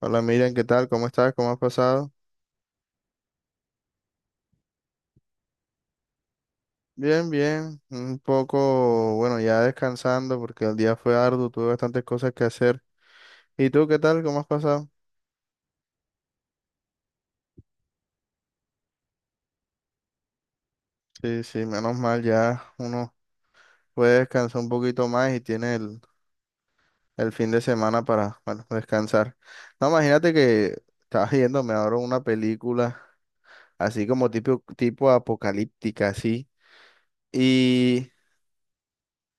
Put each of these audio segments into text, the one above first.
Hola Miriam, ¿qué tal? ¿Cómo estás? ¿Cómo has pasado? Bien, bien. Un poco, bueno, ya descansando porque el día fue arduo, tuve bastantes cosas que hacer. ¿Y tú qué tal? ¿Cómo has pasado? Sí, sí, menos mal, ya uno puede descansar un poquito más y tiene el fin de semana para, bueno, descansar. No, imagínate que estaba viéndome ahora una película así como tipo apocalíptica, así. Y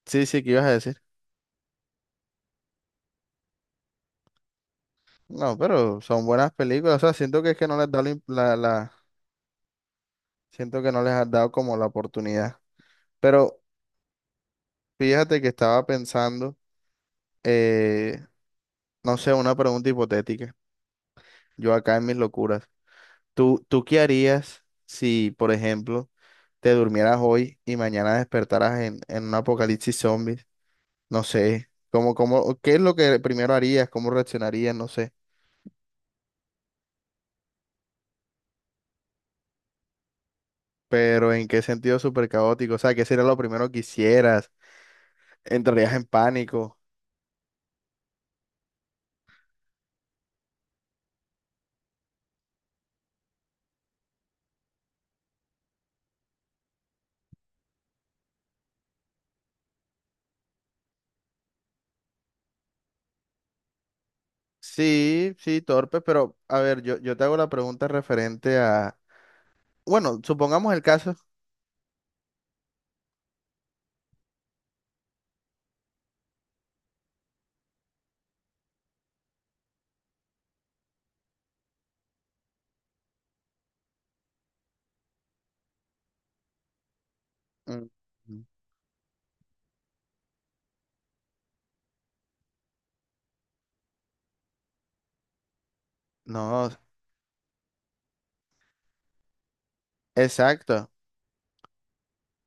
sí, sí, ¿qué ibas a decir? No, pero son buenas películas, o sea, siento que es que no les da la Siento que no les has dado como la oportunidad. Pero fíjate que estaba pensando, eh, no sé, una pregunta hipotética. Yo acá en mis locuras. ¿Tú qué harías si, por ejemplo, te durmieras hoy y mañana despertaras en un apocalipsis zombies? No sé, qué es lo que primero harías? ¿Cómo reaccionarías? No sé. Pero ¿en qué sentido súper caótico? O sea, ¿qué sería lo primero que hicieras? ¿Entrarías en pánico? Sí, sí, torpe, pero a ver, yo te hago la pregunta referente a, bueno, supongamos el caso. Mm. No, exacto,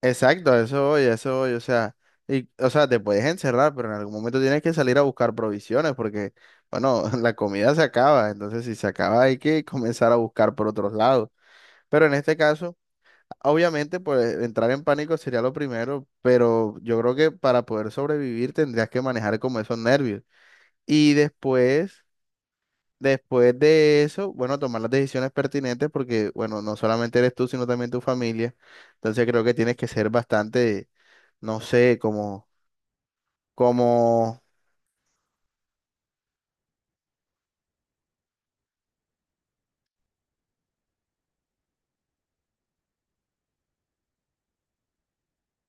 exacto, a eso voy, o sea, y, o sea, te puedes encerrar, pero en algún momento tienes que salir a buscar provisiones porque, bueno, la comida se acaba, entonces si se acaba hay que comenzar a buscar por otros lados. Pero en este caso, obviamente, pues entrar en pánico sería lo primero, pero yo creo que para poder sobrevivir tendrías que manejar como esos nervios. Y después… Después de eso, bueno, tomar las decisiones pertinentes porque, bueno, no solamente eres tú, sino también tu familia. Entonces creo que tienes que ser bastante, no sé, como,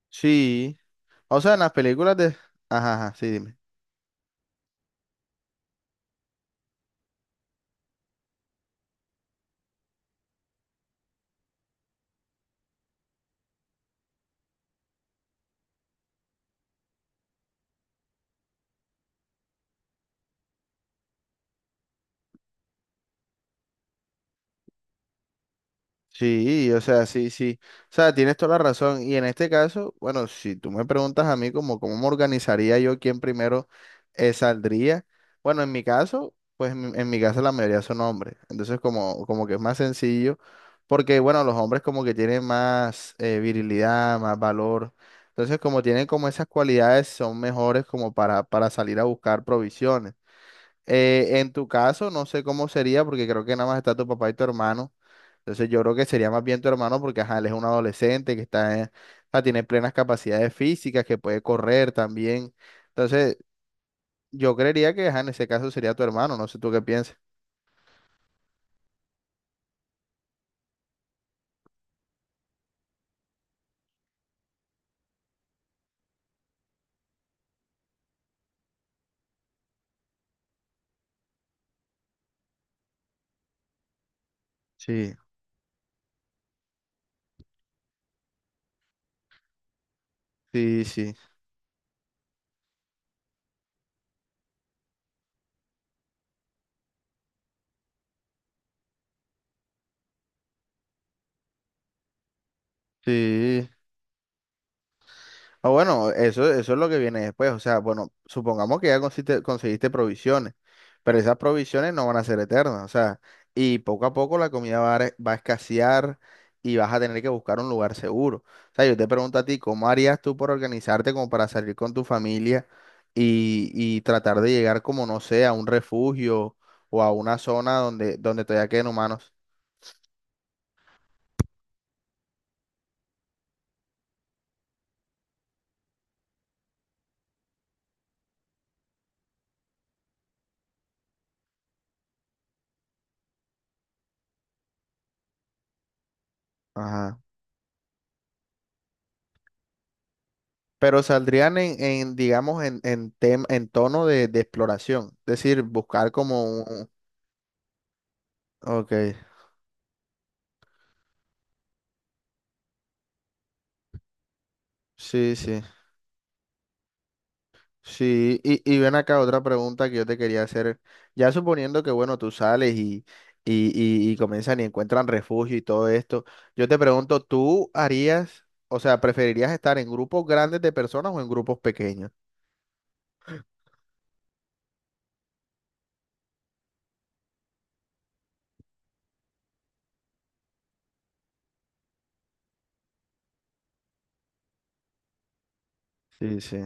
sí. O sea, en las películas de… Ajá, ajá, sí, dime. Sí, o sea, sí, sí. O sea, tienes toda la razón. Y en este caso, bueno, si tú me preguntas a mí como cómo me organizaría yo quién primero saldría, bueno, en mi caso, pues en mi caso la mayoría son hombres. Entonces, como, como que es más sencillo, porque bueno, los hombres como que tienen más virilidad, más valor. Entonces, como tienen como esas cualidades, son mejores como para salir a buscar provisiones. En tu caso, no sé cómo sería, porque creo que nada más está tu papá y tu hermano. Entonces yo creo que sería más bien tu hermano, porque ajá, él es un adolescente que está, en- o sea, tiene plenas capacidades físicas, que puede correr también. Entonces, yo creería que ajá, en ese caso sería tu hermano, no sé tú qué piensas. Sí. Sí, sí, sí. Ah, bueno, eso es lo que viene después. O sea, bueno, supongamos que ya consiste- conseguiste provisiones, pero esas provisiones no van a ser eternas. O sea, y poco a poco la comida va a, re- va a escasear y vas a tener que buscar un lugar seguro. O sea, yo te pregunto a ti, ¿cómo harías tú por organizarte como para salir con tu familia y tratar de llegar como, no sé, a un refugio o a una zona donde, donde todavía queden humanos? Ajá. Pero saldrían en, digamos, en, tem- en tono de exploración. Es decir, buscar como un… Ok, sí, sí. Sí, y ven acá otra pregunta que yo te quería hacer. Ya suponiendo que, bueno, tú sales y, y comienzan y encuentran refugio y todo esto, yo te pregunto, ¿tú harías, o sea, preferirías estar en grupos grandes de personas o en grupos pequeños? Sí, sí,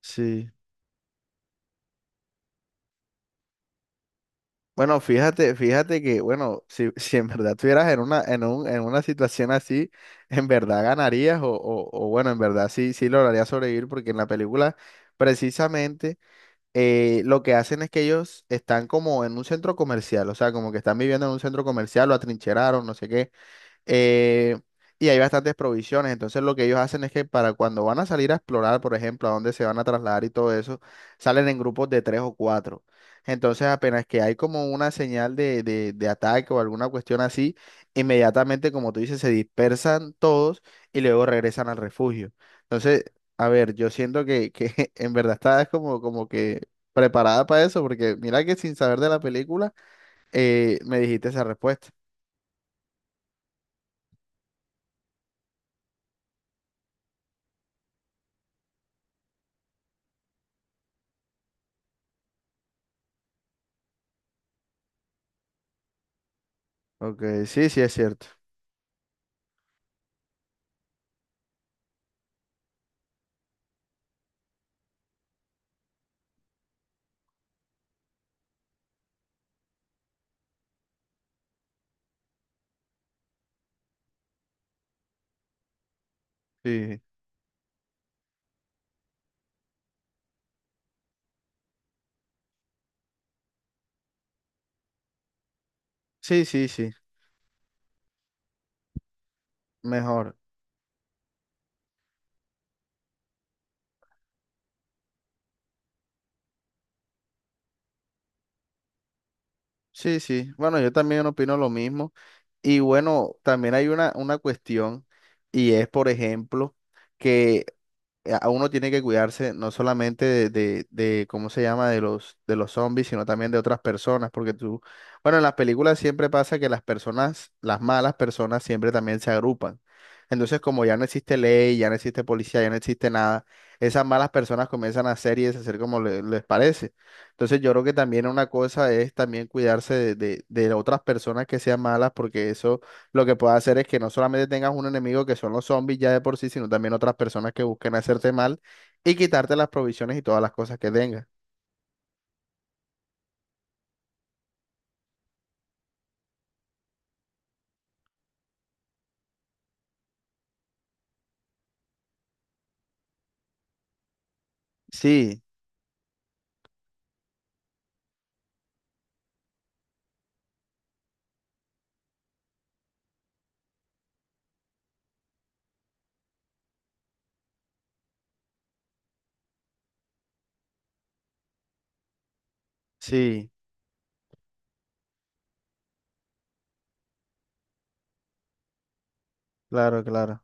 sí. Bueno, fíjate, fíjate que, bueno, si, si en verdad estuvieras en una, en un, en una situación así, en verdad ganarías o bueno, en verdad sí, sí lograrías sobrevivir porque en la película precisamente lo que hacen es que ellos están como en un centro comercial, o sea, como que están viviendo en un centro comercial, lo atrincheraron, no sé qué, eh, y hay bastantes provisiones. Entonces lo que ellos hacen es que para cuando van a salir a explorar, por ejemplo, a dónde se van a trasladar y todo eso, salen en grupos de tres o cuatro. Entonces apenas que hay como una señal de ataque o alguna cuestión así, inmediatamente, como tú dices, se dispersan todos y luego regresan al refugio. Entonces, a ver, yo siento que en verdad estás como, como que preparada para eso, porque mira que sin saber de la película, me dijiste esa respuesta. Ok, sí, sí es cierto. Sí, sí, sí, sí, mejor. Sí, sí. Bueno, yo también opino lo mismo. Y bueno, también hay una cuestión y es, por ejemplo, que a uno tiene que cuidarse no solamente de, ¿cómo se llama? De los zombies, sino también de otras personas, porque tú, bueno, en las películas siempre pasa que las personas, las malas personas siempre también se agrupan. Entonces, como ya no existe ley, ya no existe policía, ya no existe nada, esas malas personas comienzan a hacer y deshacer como le- les parece. Entonces, yo creo que también una cosa es también cuidarse de otras personas que sean malas, porque eso lo que puedes hacer es que no solamente tengas un enemigo que son los zombies ya de por sí, sino también otras personas que busquen hacerte mal y quitarte las provisiones y todas las cosas que tengas. Sí, sí, claro, claro.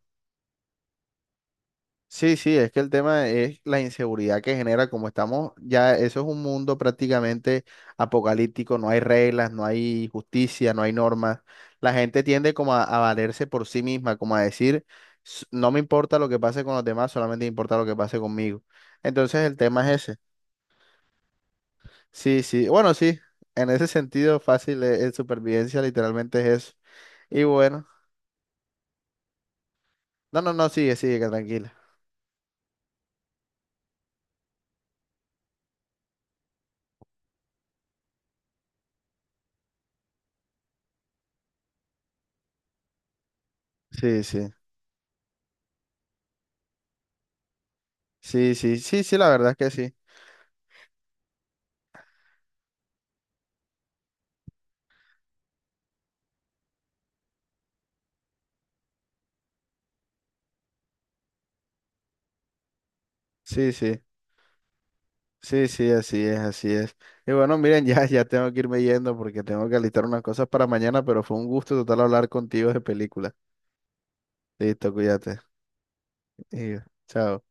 Sí, sí, es que el tema es la inseguridad que genera, como estamos ya, eso es un mundo prácticamente apocalíptico, no hay reglas, no hay justicia, no hay normas. La gente tiende como a valerse por sí misma, como a decir, "S- no me importa lo que pase con los demás, solamente me importa lo que pase conmigo. Entonces el tema es ese. Sí, sí, bueno, sí, en ese sentido fácil es supervivencia, literalmente es eso. Y bueno, no, no, no, sigue, sigue, que tranquila. Sí, sí, sí, sí, sí, sí, la verdad es que sí, sí, sí, sí, sí, así es, así es. Y bueno, miren, ya, ya tengo que irme yendo porque tengo que alistar unas cosas para mañana, pero fue un gusto total hablar contigo de película. Listo, cuídate. Y chao.